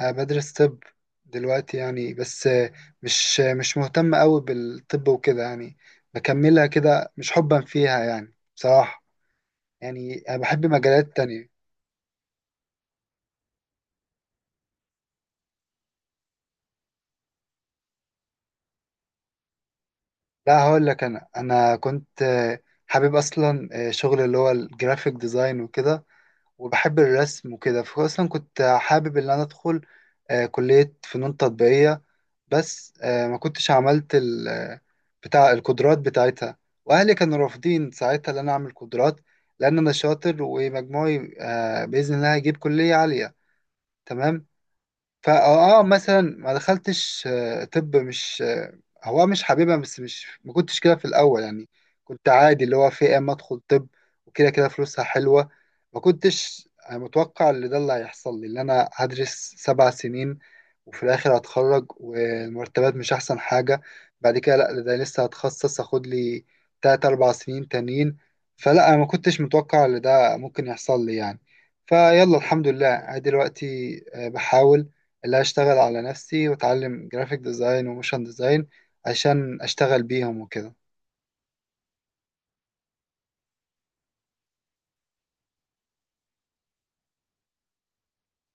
أنا بدرس طب دلوقتي يعني بس. مش مهتم أوي بالطب وكده يعني. بكملها كده مش حبا فيها يعني بصراحة. يعني أنا بحب مجالات تانية. لا، هقول لك. أنا كنت حابب أصلا شغل اللي هو الجرافيك ديزاين وكده، وبحب الرسم وكده. فأصلا كنت حابب إن أنا أدخل كلية فنون تطبيقية. بس ما كنتش عملت ال آه، بتاع القدرات بتاعتها. واهلي كانوا رافضين ساعتها ان انا اعمل قدرات، لان انا شاطر ومجموعي باذن الله هيجيب كليه عاليه. تمام. فاه مثلا ما دخلتش طب. مش هو مش حاببها، بس مش ما كنتش كده في الاول يعني. كنت عادي اللي هو في إيه اما ادخل طب وكده كده، فلوسها حلوه. ما كنتش أنا متوقع اللي ده، اللي هيحصل لي، اللي انا هدرس 7 سنين وفي الاخر هتخرج والمرتبات مش احسن حاجه. بعد كده لا، ده لسه هتخصص اخد لي تلات اربع سنين تانيين. فلا انا ما كنتش متوقع اللي ده ممكن يحصل لي يعني. فيلا الحمد لله، أنا دلوقتي بحاول اللي هشتغل على نفسي واتعلم جرافيك ديزاين وموشن ديزاين عشان اشتغل بيهم وكده.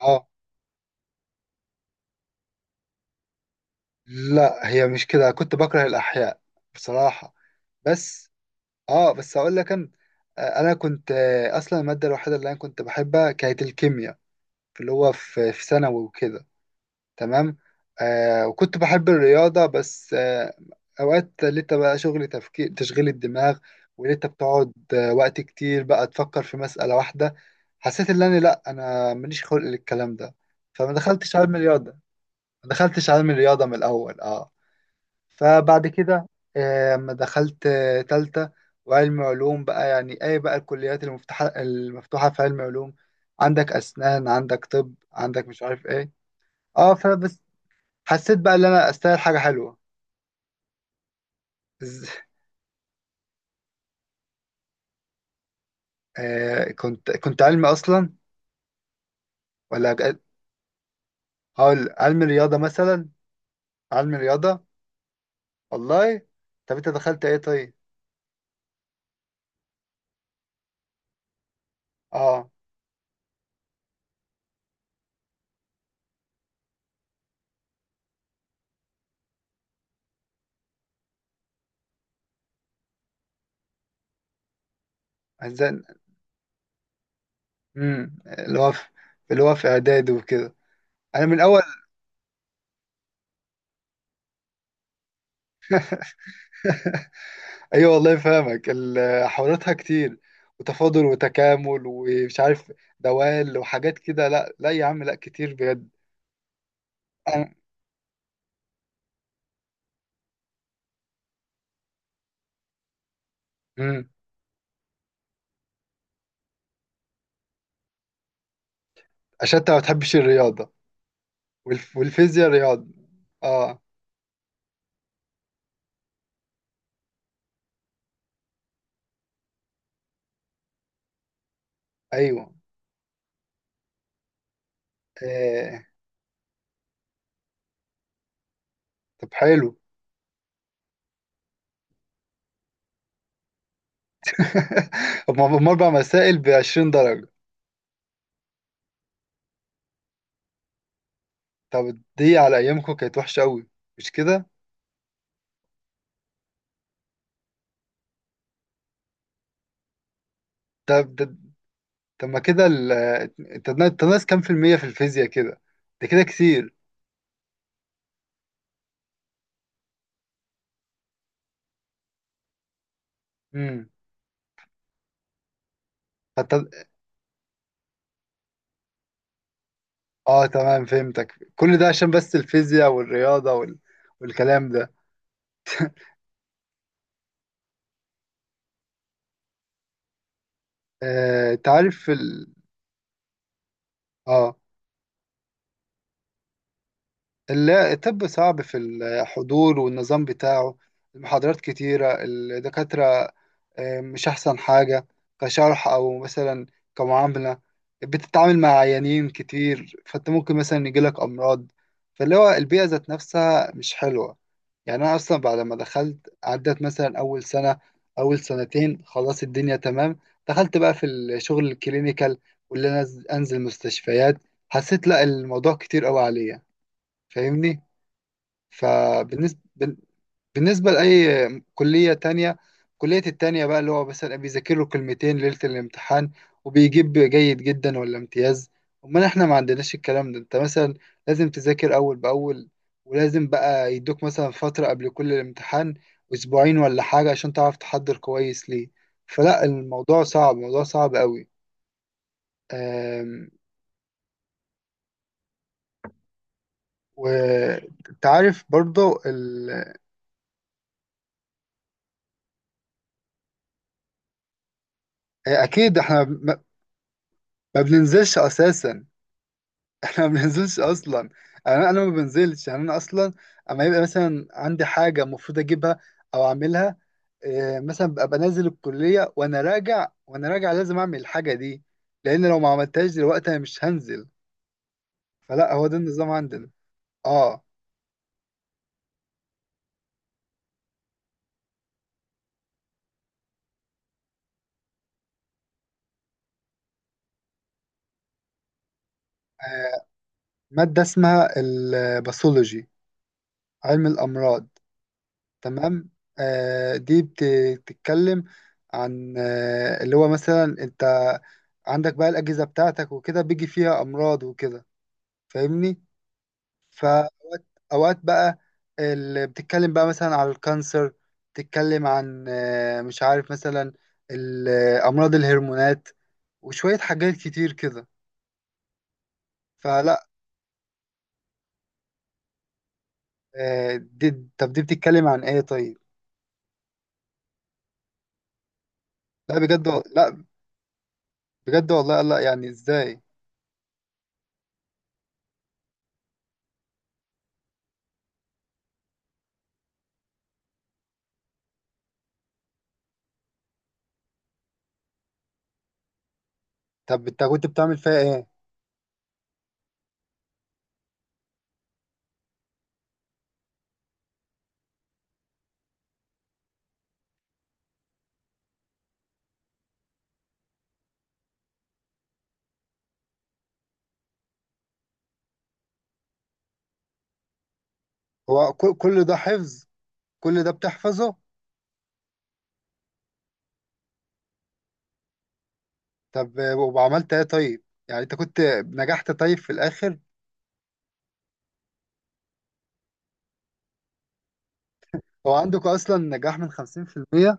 اه. لا، هي مش كده. كنت بكره الاحياء بصراحه. بس اه، بس اقول لك انا انا كنت اصلا الماده الوحيده اللي انا كنت بحبها كانت الكيمياء، في اللي هو في ثانوي وكده. تمام. آه، وكنت بحب الرياضة بس أوقات. لقيت بقى شغل تفكير، تشغيل الدماغ، ولقيت بتقعد وقت كتير بقى تفكر في مسألة واحدة. حسيت إن أنا لأ، أنا ماليش خلق للكلام ده، فما دخلتش علم الرياضة. ما دخلتش علم الرياضة من الأول، أه. فبعد كده أما دخلت تالتة وعلم علوم بقى، يعني أي بقى الكليات المفتوحة في علم علوم. عندك أسنان، عندك طب، عندك مش عارف إيه. اه فبس. حسيت بقى ان انا استاهل حاجه حلوه. إز... آه، كنت علمي اصلا. ولا ج- هقول علمي رياضه مثلا. علمي رياضه، والله. طب انت دخلت ايه طيب؟ اه، عايزين اللي هو في اعداد وكده. انا من اول. ايوه والله فاهمك، حواراتها كتير وتفاضل وتكامل ومش عارف دوال وحاجات كده. لا لا يا عم، لا كتير بجد. أنا- امم عشان انت ما بتحبش الرياضه، والفيزياء رياضه. اه ايوه. آه. طب حلو. طب ما هم اربع مسائل ب 20 درجه؟ طب دي على ايامكم كانت وحشه قوي، مش كده؟ طب ده- طب ما كده ال- انت ناقص كام في الميه في الفيزياء كده؟ ده كده كتير. امم طب- اه تمام فهمتك، كل ده عشان بس الفيزياء والرياضه والكلام ده. آه. انت عارف اه لا، الطب صعب في الحضور والنظام بتاعه. المحاضرات كتيره، الدكاتره مش أحسن حاجة، كشرح أو مثلا كمعاملة. بتتعامل مع عيانين كتير فأنت ممكن مثلا يجيلك أمراض، فاللي هو البيئة ذات نفسها مش حلوة يعني. أنا أصلا بعد ما دخلت عدت مثلا أول سنة، أول سنتين خلاص الدنيا تمام. دخلت بقى في الشغل الكلينيكال، واللي أنا أنزل مستشفيات، حسيت لا، الموضوع كتير أوي عليا، فاهمني. فبالنسبة بالنسبة لأي كلية تانية، كلية التانية بقى اللي هو مثلا بيذاكر له كلمتين ليلة الامتحان وبيجيب جيد جدا ولا امتياز. أمال احنا ما عندناش الكلام ده، انت مثلا لازم تذاكر أول بأول، ولازم بقى يدوك مثلا فترة قبل كل الامتحان، أسبوعين ولا حاجة عشان تعرف تحضر كويس ليه. فلا الموضوع صعب، موضوع صعب قوي. أم، وتعرف برضه أكيد احنا ما بننزلش أساسا. انا ما بنزلش اصلا، يعني انا ما بنزلش، يعني انا اصلا اما يبقى مثلا عندي حاجه المفروض اجيبها او اعملها. إيه، مثلا ببقى بنزل الكليه وانا راجع لازم اعمل الحاجه دي، لان لو ما عملتهاش دلوقتي انا مش هنزل. فلا هو ده النظام عندنا. اه. آه، ماده اسمها الباثولوجي، علم الامراض. تمام. آه، دي بتتكلم عن اللي هو مثلا انت عندك بقى الاجهزه بتاعتك وكده، بيجي فيها امراض وكده، فاهمني. فاوقات بقى، اللي بتتكلم بقى مثلا على الكانسر، بتتكلم عن مش عارف، مثلا امراض الهرمونات وشوية حاجات كتير كده. فلا دي، طب دي بتتكلم عن ايه طيب؟ لا بجد لا، بجد والله، لا يعني ازاي؟ طب انت كنت بتعمل فيها ايه؟ هو كل ده حفظ، كل ده بتحفظه؟ طب وعملت ايه طيب؟ يعني انت كنت نجحت طيب في الاخر؟ هو عندك اصلا نجاح من 50%؟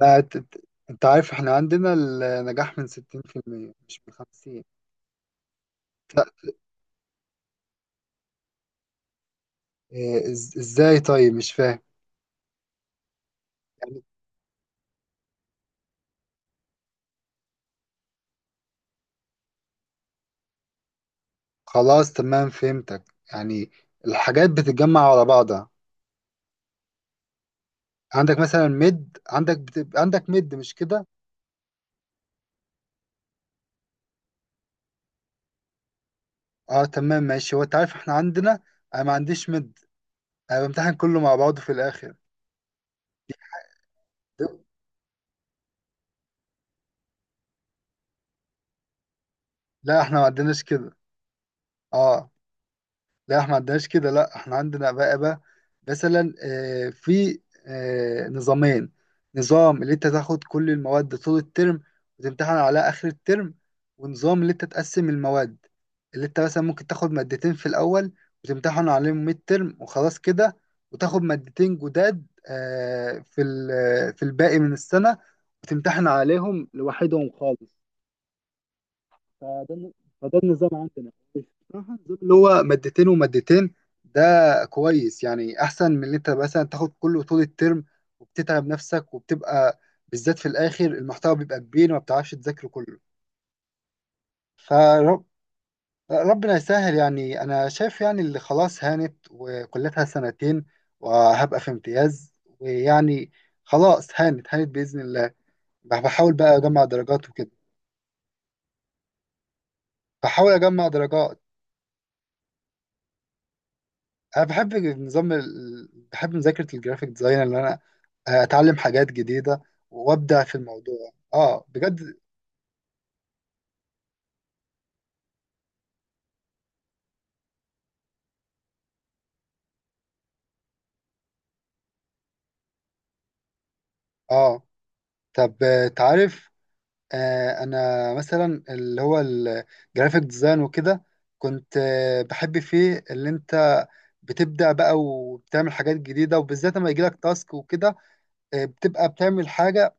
لا، انت عارف احنا عندنا النجاح من 60% مش من 50. لا، إيه، ازاي طيب؟ مش فاهم. يعني خلاص، تمام، فهمتك، يعني الحاجات بتتجمع على بعضها. عندك مثلا ميد، عندك بتبقى عندك ميد، مش كده؟ اه تمام ماشي. هو انت عارف احنا عندنا، انا ما عنديش ميد، انا بمتحن كله مع بعضه في الاخر. لا احنا ما عندناش كده. اه لا، احنا ما عندناش كده. لا، احنا عندنا بقى مثلا في نظامين. نظام اللي انت تاخد كل المواد طول الترم وتمتحن على اخر الترم، ونظام اللي انت تقسم المواد، اللي انت مثلا ممكن تاخد مادتين في الاول وتمتحن عليهم ميد ترم وخلاص كده، وتاخد مادتين جداد في في الباقي من السنة، وتمتحن عليهم لوحدهم خالص. فده الن- فده النظام عندنا بصراحة. النظام اللي هو مادتين ومادتين ده كويس يعني، أحسن من اللي أنت مثلا تاخد كله طول الترم، وبتتعب نفسك، وبتبقى بالذات في الآخر المحتوى بيبقى كبير وما بتعرفش تذاكره كله. فرب ربنا يسهل يعني. أنا شايف يعني اللي خلاص هانت، وكلتها سنتين وهبقى في امتياز، ويعني خلاص هانت، هانت بإذن الله. بحاول بقى أجمع درجات وكده. بحاول أجمع درجات. انا بحب النظام بحب مذاكره الجرافيك ديزاين، اللي انا اتعلم حاجات جديده وابدع في الموضوع، اه بجد. اه. طب تعرف، آه انا مثلا اللي هو الجرافيك ديزاين وكده، كنت بحب فيه اللي انت بتبدع بقى وبتعمل حاجات جديده، وبالذات لما يجيلك تاسك وكده. بتبقى بتعمل حاجه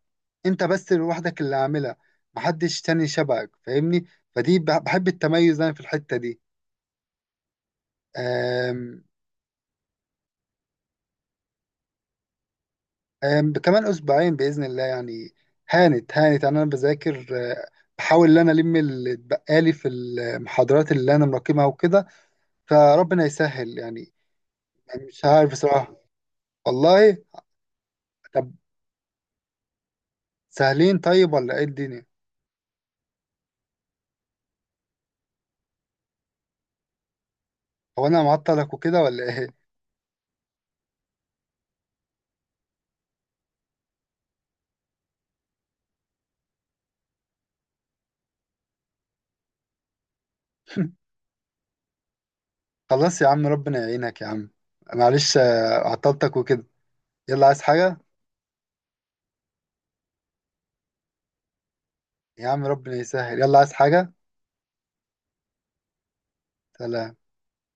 انت بس لوحدك اللي عاملها، محدش تاني شبهك، فاهمني. بحب التميز انا في الحته دي. كمان اسبوعين باذن الله يعني، هانت هانت يعني. انا بذاكر آه، بحاول ان انا الم اللي اتبقالي في المحاضرات اللي انا مراكمها وكده. فربنا يسهل يعني. مش عارف بصراحه، والله. طب سهلين طيب ولا ايه الدنيا؟ هو انا معطلك وكده ولا ايه؟ خلاص يا عم، ربنا يعينك يا عم. معلش عطلتك وكده. يلا، عايز حاجه؟ يا عم، ربنا يسهل. يلا، عايز حاجه؟ سلام.